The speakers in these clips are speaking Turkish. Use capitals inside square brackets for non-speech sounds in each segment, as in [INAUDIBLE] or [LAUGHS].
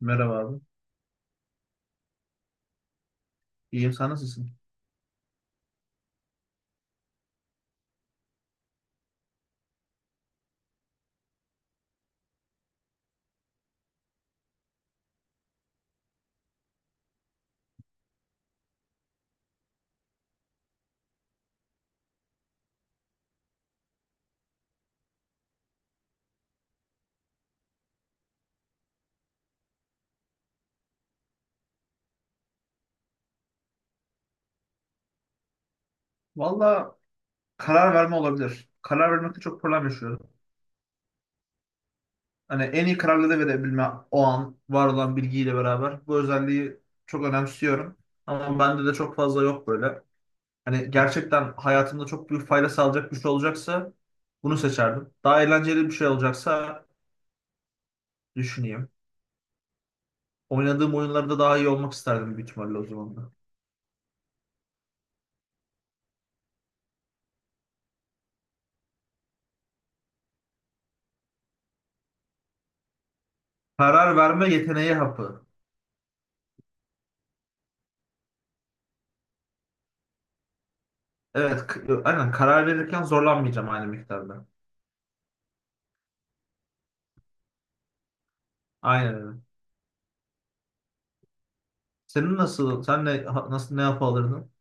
Merhaba abi. İyiyim sen nasılsın? Valla karar verme olabilir. Karar vermekte çok problem yaşıyorum. Hani en iyi kararları da verebilme o an var olan bilgiyle beraber. Bu özelliği çok önemsiyorum. Ama bende de çok fazla yok böyle. Hani gerçekten hayatımda çok büyük fayda sağlayacak bir şey olacaksa bunu seçerdim. Daha eğlenceli bir şey olacaksa düşüneyim. Oynadığım oyunlarda daha iyi olmak isterdim büyük ihtimalle o zaman da. Karar verme yeteneği hapı. Evet, aynen karar verirken zorlanmayacağım aynı miktarda. Aynen öyle. Senin nasıl, sen ne, nasıl ne yapalırdın?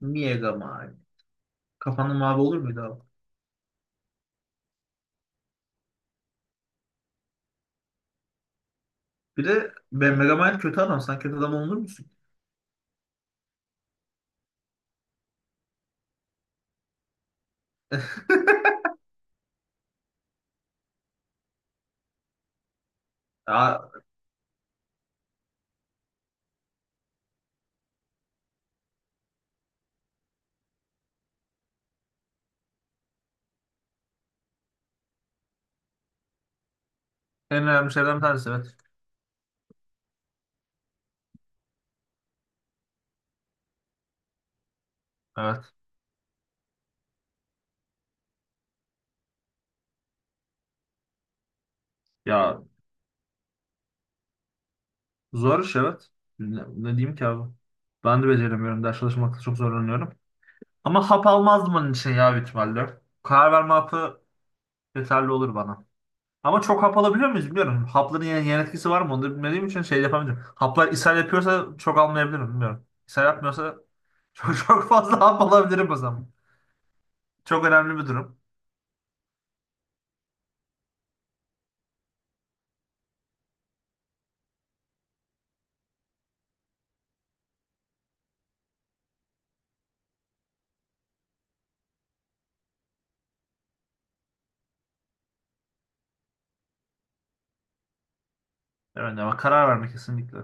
Mega Man. Kafanın mavi olur muydu abi? Bir de ben Mega Man kötü adam. Sen kötü adam olur musun? [LAUGHS] Ya, en önemli şeylerden bir tanesi evet. Evet. Ya, zor iş evet. Ne, ne diyeyim ki abi? Ben de beceremiyorum. Ders çalışmakta çok zorlanıyorum. Ama hap almazdım onun için ya büyük ihtimalle. Karar verme hapı yeterli olur bana. Ama çok hap alabiliyor muyuz bilmiyorum. Hapların yan etkisi var mı onu da bilmediğim için şey yapamayacağım. Haplar ishal yapıyorsa çok almayabilirim bilmiyorum. İshal yapmıyorsa çok, [LAUGHS] çok fazla hap alabilirim o zaman. Çok önemli bir durum. Evet ama karar verme kesinlikle.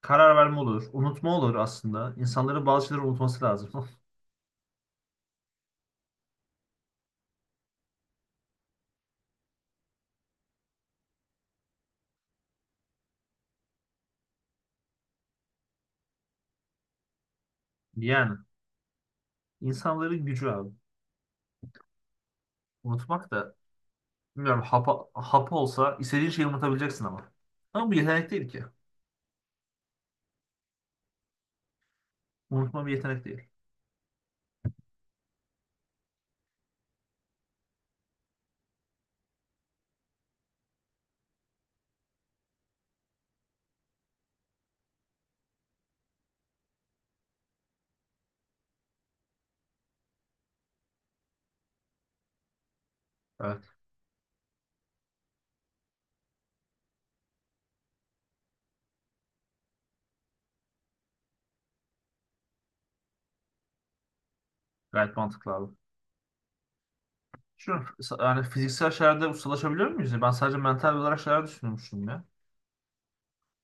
Karar verme olur. Unutma olur aslında. İnsanların bazı şeyleri unutması lazım. [LAUGHS] Yani insanların gücü abi. Unutmak da bilmiyorum hap olsa istediğin şeyi unutabileceksin ama. Ama bu yetenek değil ki. Unutma bir yetenek değil. Evet. Gayet mantıklı abi. Şu yani fiziksel şeylerde ustalaşabiliyor muyuz? Ben sadece mental olarak şeyler düşünmüştüm ya.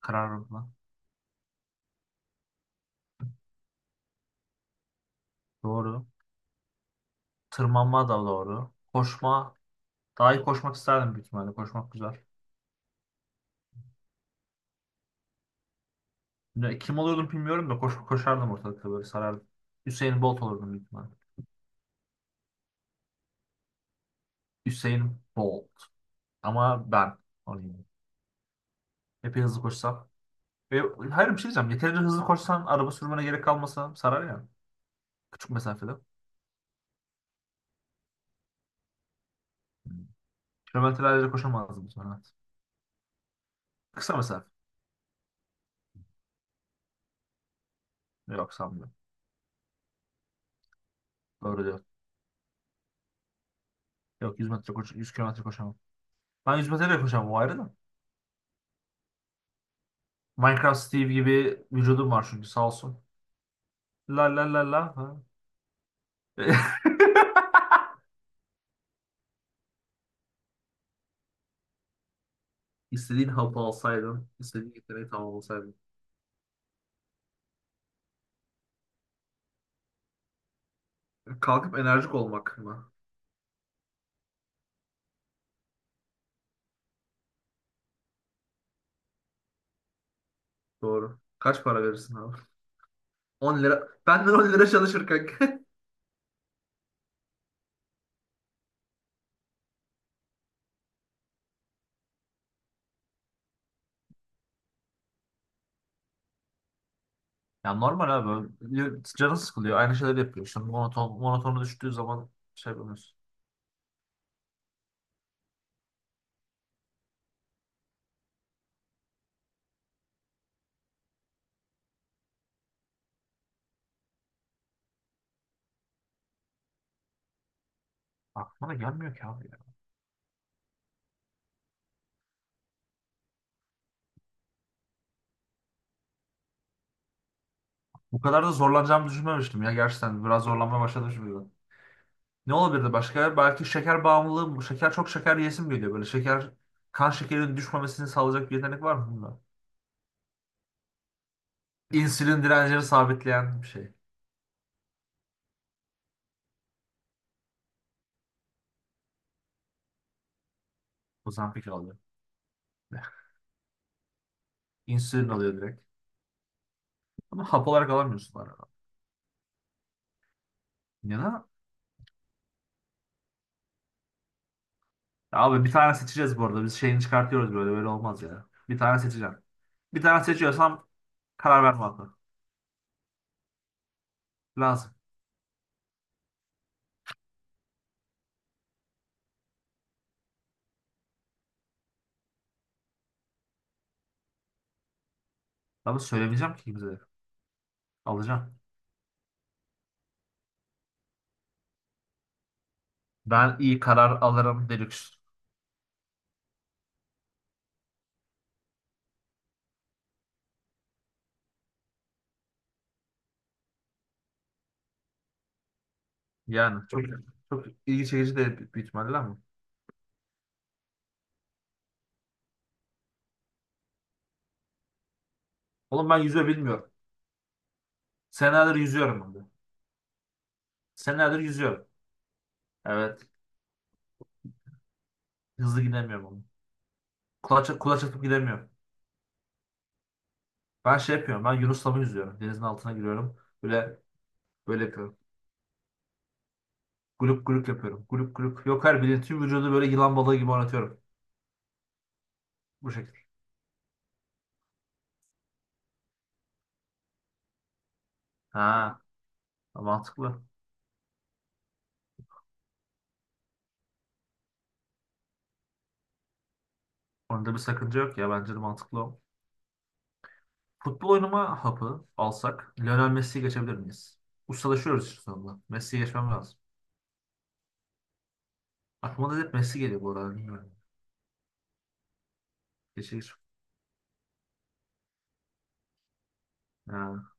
Kararlılıkla. Doğru. Tırmanma da doğru. Koşma. Daha iyi koşmak isterdim büyük ihtimalle. Koşmak güzel. Ne- Kim olurdum bilmiyorum da koşardım ortalıkta böyle sarardım. Hüseyin Bolt olurdum büyük ihtimalle. Hüseyin Bolt. Ama ben olayım. Epey hızlı koşsam. Ve, hayır bir şey diyeceğim. Yeterince hızlı koşsan araba sürmene gerek kalmasa sarar ya. Küçük mesafede. Hmm. Kilometrelerce koşamazdım sonra. Kısa mesafe. Yok sanmıyorum. Doğru. Yok, 100 metre koş, 100 kilometre koşamam. Ben 100 metre de koşamam o ayrı da. Minecraft Steve gibi vücudum var çünkü sağ olsun. La la la la, ha. [LAUGHS] İstediğin hapı alsaydın, istediğin yeteneği tamamlasaydın. Kalkıp enerjik olmak mı? Doğru. Kaç para verirsin abi? 10 lira. Benden 10 lira çalışır kanka. [LAUGHS] Ya normal abi. Canı sıkılıyor. Aynı şeyleri yapıyor. İşte monotonu düştüğü zaman şey yapamıyorsun. Aklıma da gelmiyor ki abi ya. Bu kadar da zorlanacağımı düşünmemiştim ya gerçekten. Biraz zorlanmaya başladım şimdi. Ne olabilirdi başka? Belki şeker bağımlılığı mı? Şeker, çok şeker yesim geliyor böyle. Şeker, kan şekerinin düşmemesini sağlayacak bir yetenek var mı bunda? İnsülin direncini sabitleyen bir şey. Ozempic alıyor. [LAUGHS] İnsülin alıyor direkt. Ama hap olarak alamıyorsun arada. Ya da ya abi bir tane seçeceğiz bu arada. Biz şeyini çıkartıyoruz böyle. Böyle olmaz ya. Bir tane seçeceğim. Bir tane seçiyorsam karar verme hakkı. Lazım. Ama söylemeyeceğim ki kimseye. Alacağım. Ben iyi karar alırım deluxe. Yani çok, çok ilgi çekici de büyük ihtimalle ama. Oğlum ben yüzme bilmiyorum. Senelerdir yüzüyorum ben de. Senelerdir yüzüyorum. Evet. Hızlı gidemiyorum oğlum. Kulaç atıp gidemiyorum. Ben şey yapıyorum. Ben Yunus'la yüzüyorum? Denizin altına giriyorum. Böyle böyle yapıyorum. Gulup gulup yapıyorum. Gulup gulup. Yok her bilin tüm vücudu böyle yılan balığı gibi oynatıyorum. Bu şekilde. Ha, mantıklı. Onda bir sakınca yok ya. Bence de mantıklı o. Futbol oynama hapı alsak Lionel Messi'yi geçebilir miyiz? Ustalaşıyoruz işte sonunda. Messi'yi geçmem lazım. Aklıma da hep Messi geliyor bu arada. Bilmiyorum. Geçir. Ha.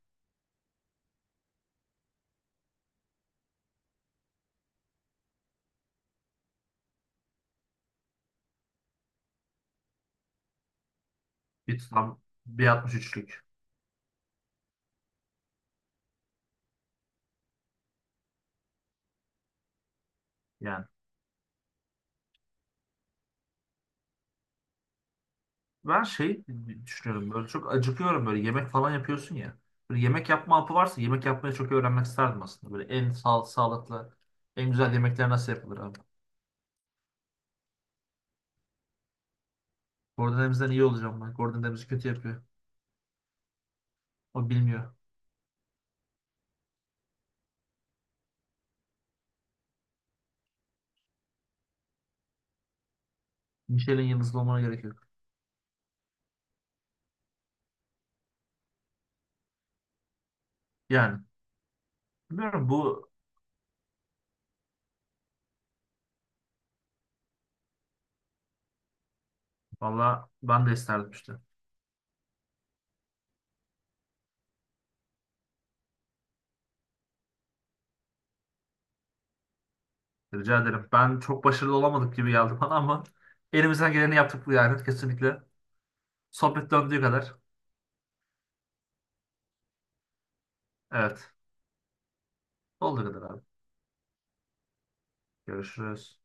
Bir tam bir 63'lük yani. Ben şey düşünüyorum, böyle çok acıkıyorum böyle yemek falan yapıyorsun ya. Böyle yemek yapma hapı varsa yemek yapmayı çok öğrenmek isterdim aslında. Böyle en sağlıklı, en güzel yemekler nasıl yapılır abi. Gordon Ramsay'den iyi olacağım ben. Gordon Ramsay kötü yapıyor. O bilmiyor. Michelin yıldızlı olmana gerek yok. Yani bilmiyorum bu, valla ben de isterdim işte. Rica ederim. Ben çok başarılı olamadık gibi geldi bana ama elimizden geleni yaptık yani kesinlikle. Sohbet döndüğü kadar. Evet. Olduğu kadar abi. Görüşürüz.